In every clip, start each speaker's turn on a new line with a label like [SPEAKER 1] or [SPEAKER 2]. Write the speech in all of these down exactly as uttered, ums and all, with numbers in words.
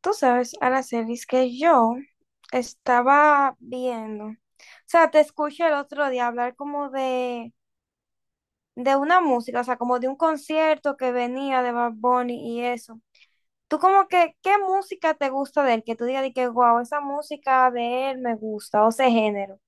[SPEAKER 1] Tú sabes, Aracelis, que yo estaba viendo, o sea, te escuché el otro día hablar como de, de una música, o sea, como de un concierto que venía de Bad Bunny y eso. Tú como que, ¿qué música te gusta de él? Que tú digas de que, wow, esa música de él me gusta, o ese género.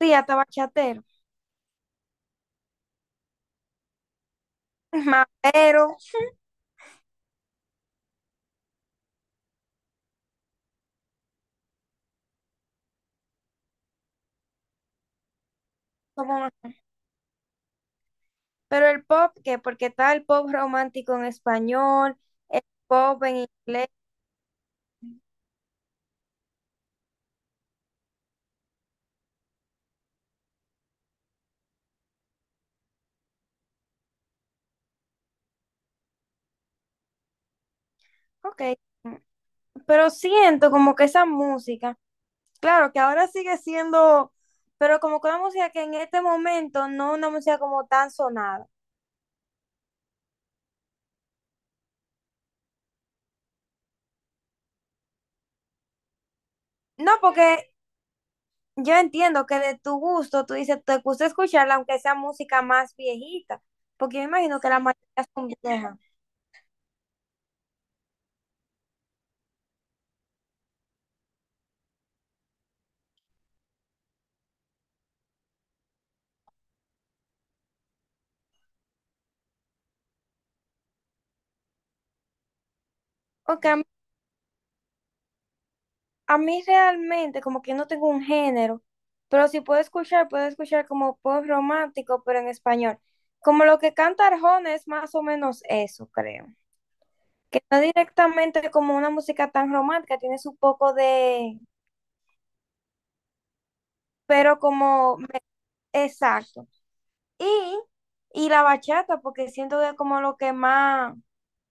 [SPEAKER 1] Sí, hasta bachatero, mamero, como... Pero el pop, ¿qué? Porque está el pop romántico en español, el pop en inglés. Ok. Pero siento como que esa música, claro que ahora sigue siendo, pero como que una música que en este momento no es una música como tan sonada. No, porque yo entiendo que de tu gusto, tú dices, te gusta escucharla, aunque sea música más viejita, porque yo imagino que la mayoría son viejas. Porque a mí, a mí realmente, como que no tengo un género, pero si puedo escuchar, puedo escuchar como pop romántico, pero en español. Como lo que canta Arjona es más o menos eso, creo. Que no directamente como una música tan romántica, tiene su poco de, pero como, exacto. Y, y la bachata, porque siento que es como lo que más,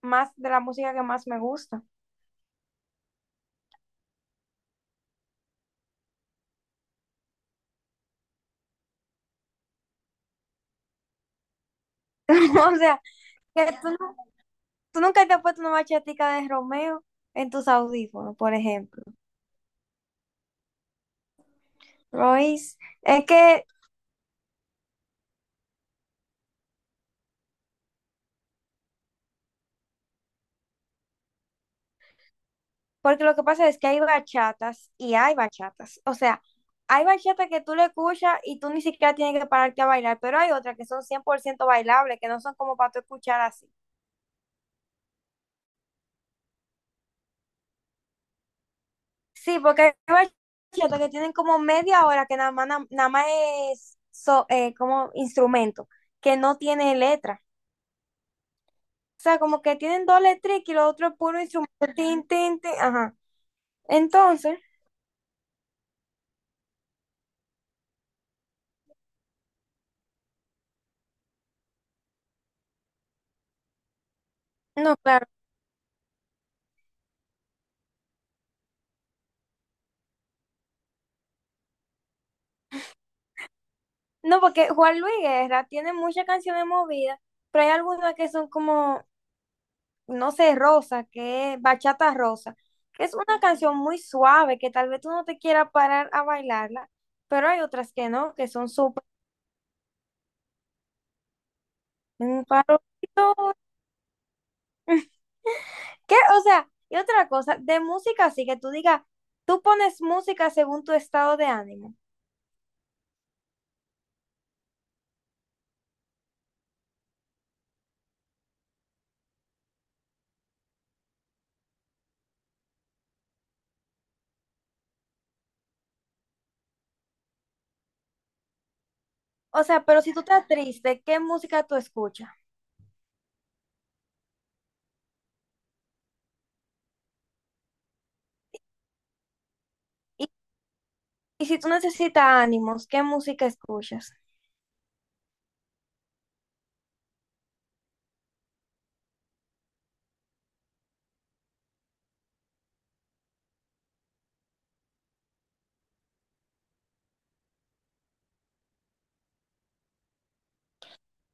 [SPEAKER 1] más de la música que más me gusta. O sea, que tú, nu- tú nunca te has puesto una bachatica de Romeo en tus audífonos, por ejemplo. Royce, es que, porque lo que pasa es que hay bachatas y hay bachatas. O sea, hay bachatas que tú le escuchas y tú ni siquiera tienes que pararte a bailar, pero hay otras que son cien por ciento bailables, que no son como para tú escuchar así. Sí, porque hay bachilleratos que tienen como media hora que nada más, na- nada más es so- eh, como instrumento, que no tiene letra. O sea, como que tienen dos letras y lo otro es puro instrumento. Tin, tin, tin, ajá. Entonces, no, claro. No, porque Juan Luis Guerra tiene muchas canciones movidas, pero hay algunas que son como, no sé, rosa, que es bachata rosa, que es una canción muy suave, que tal vez tú no te quieras parar a bailarla, pero hay otras que no, que son súper... Un ¿Qué? O sea, y otra cosa, de música así que tú digas, tú pones música según tu estado de ánimo. O sea, pero si tú estás triste, ¿qué música tú escuchas? Y, y si tú necesitas ánimos, ¿qué música escuchas?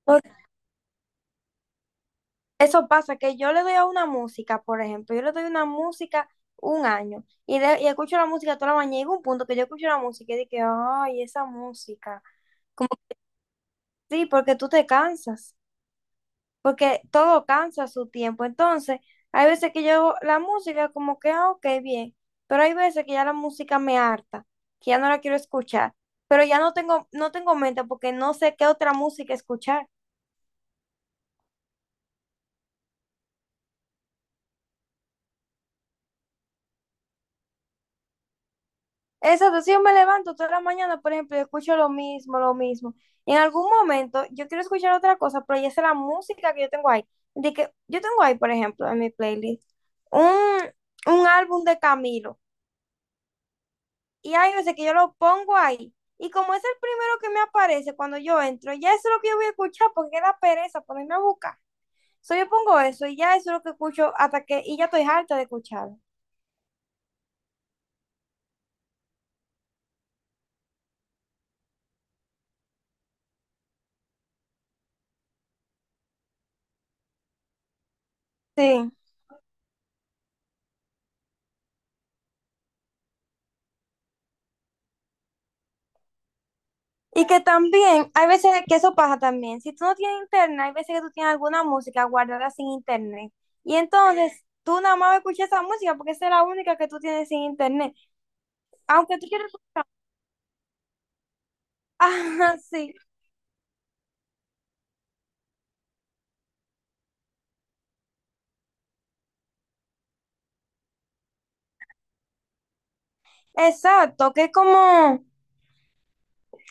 [SPEAKER 1] Porque eso pasa, que yo le doy a una música, por ejemplo, yo le doy una música un año y, de- y escucho la música toda la mañana y llega un punto que yo escucho la música y dije, ay, esa música. Como que sí, porque tú te cansas. Porque todo cansa a su tiempo. Entonces, hay veces que yo la música como que, ah, ok, bien, pero hay veces que ya la música me harta, que ya no la quiero escuchar, pero ya no tengo, no tengo mente porque no sé qué otra música escuchar. Exacto, si yo me levanto toda la mañana, por ejemplo, y escucho lo mismo, lo mismo. En algún momento yo quiero escuchar otra cosa, pero ya es la música que yo tengo ahí. De que yo tengo ahí, por ejemplo, en mi playlist, un, un álbum de Camilo. Y hay veces que yo lo pongo ahí. Y como es el primero que me aparece cuando yo entro, ya eso es lo que yo voy a escuchar porque da pereza ponerme a buscar. So, yo pongo eso y ya eso es lo que escucho hasta que, y ya estoy harta de escucharlo. Sí. Y que también, hay veces que eso pasa también. Si tú no tienes internet, hay veces que tú tienes alguna música guardada sin internet. Y entonces, tú nada más escuchas esa música porque esa es la única que tú tienes sin internet. Aunque tú quieras escuchar. Ah, sí. Exacto, que es como,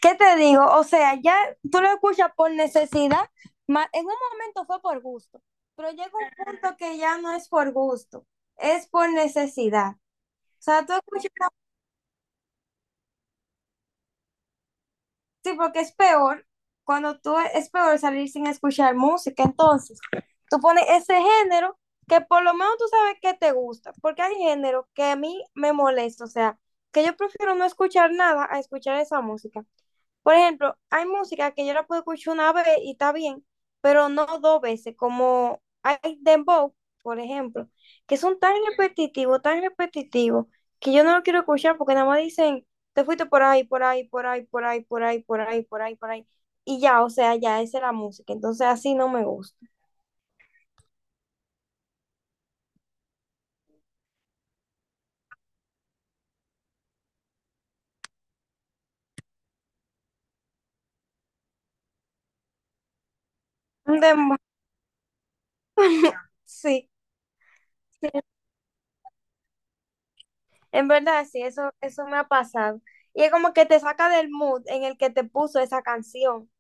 [SPEAKER 1] ¿qué te digo? O sea, ya tú lo escuchas por necesidad, ma- en un momento fue por gusto, pero llega un punto que ya no es por gusto, es por necesidad. O sea, tú escuchas, sí, porque es peor, cuando tú es peor salir sin escuchar música, entonces tú pones ese género que por lo menos tú sabes que te gusta, porque hay género que a mí me molesta, o sea, que yo prefiero no escuchar nada a escuchar esa música. Por ejemplo, hay música que yo la puedo escuchar una vez y está bien, pero no dos veces, como hay dembow, por ejemplo, que son tan repetitivos, tan repetitivos, que yo no lo quiero escuchar porque nada más dicen, te fuiste por ahí, por ahí, por ahí, por ahí, por ahí, por ahí, por ahí, por ahí. Y ya, o sea, ya, esa es la música. Entonces así no me gusta. Un dembow, sí. En verdad, sí, eso, eso me ha pasado. Y es como que te saca del mood en el que te puso esa canción.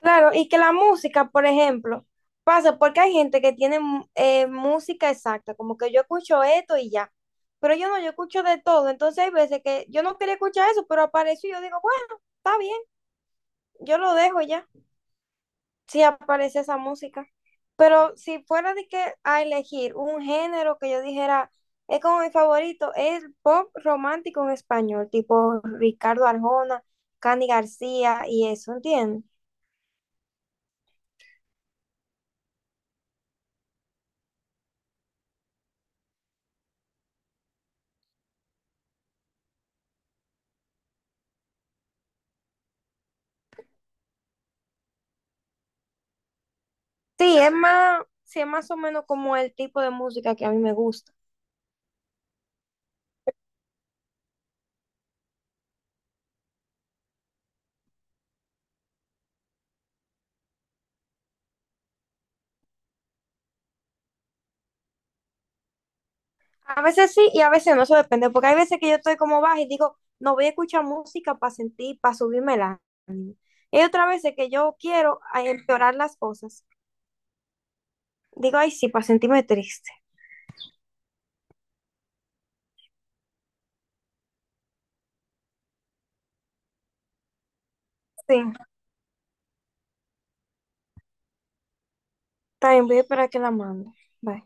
[SPEAKER 1] Claro, y que la música, por ejemplo, pasa porque hay gente que tiene mu- eh, música exacta, como que yo escucho esto y ya. Pero yo no, yo escucho de todo. Entonces hay veces que yo no quería escuchar eso, pero apareció y yo digo, bueno, está bien, yo lo dejo ya. Sí aparece esa música. Pero si fuera de que a elegir un género que yo dijera es como mi favorito, es el pop romántico en español, tipo Ricardo Arjona, Cani García y eso, ¿entiendes? Sí, es más, sí, es más o menos como el tipo de música que a mí me gusta. A veces sí y a veces no, eso depende, porque hay veces que yo estoy como baja y digo, no voy a escuchar música para sentir, para subirme el ánimo. Y hay otras veces que yo quiero eh, empeorar las cosas. Digo, ay, sí, para sentirme triste. Sí, también voy a esperar que la mande. Bye.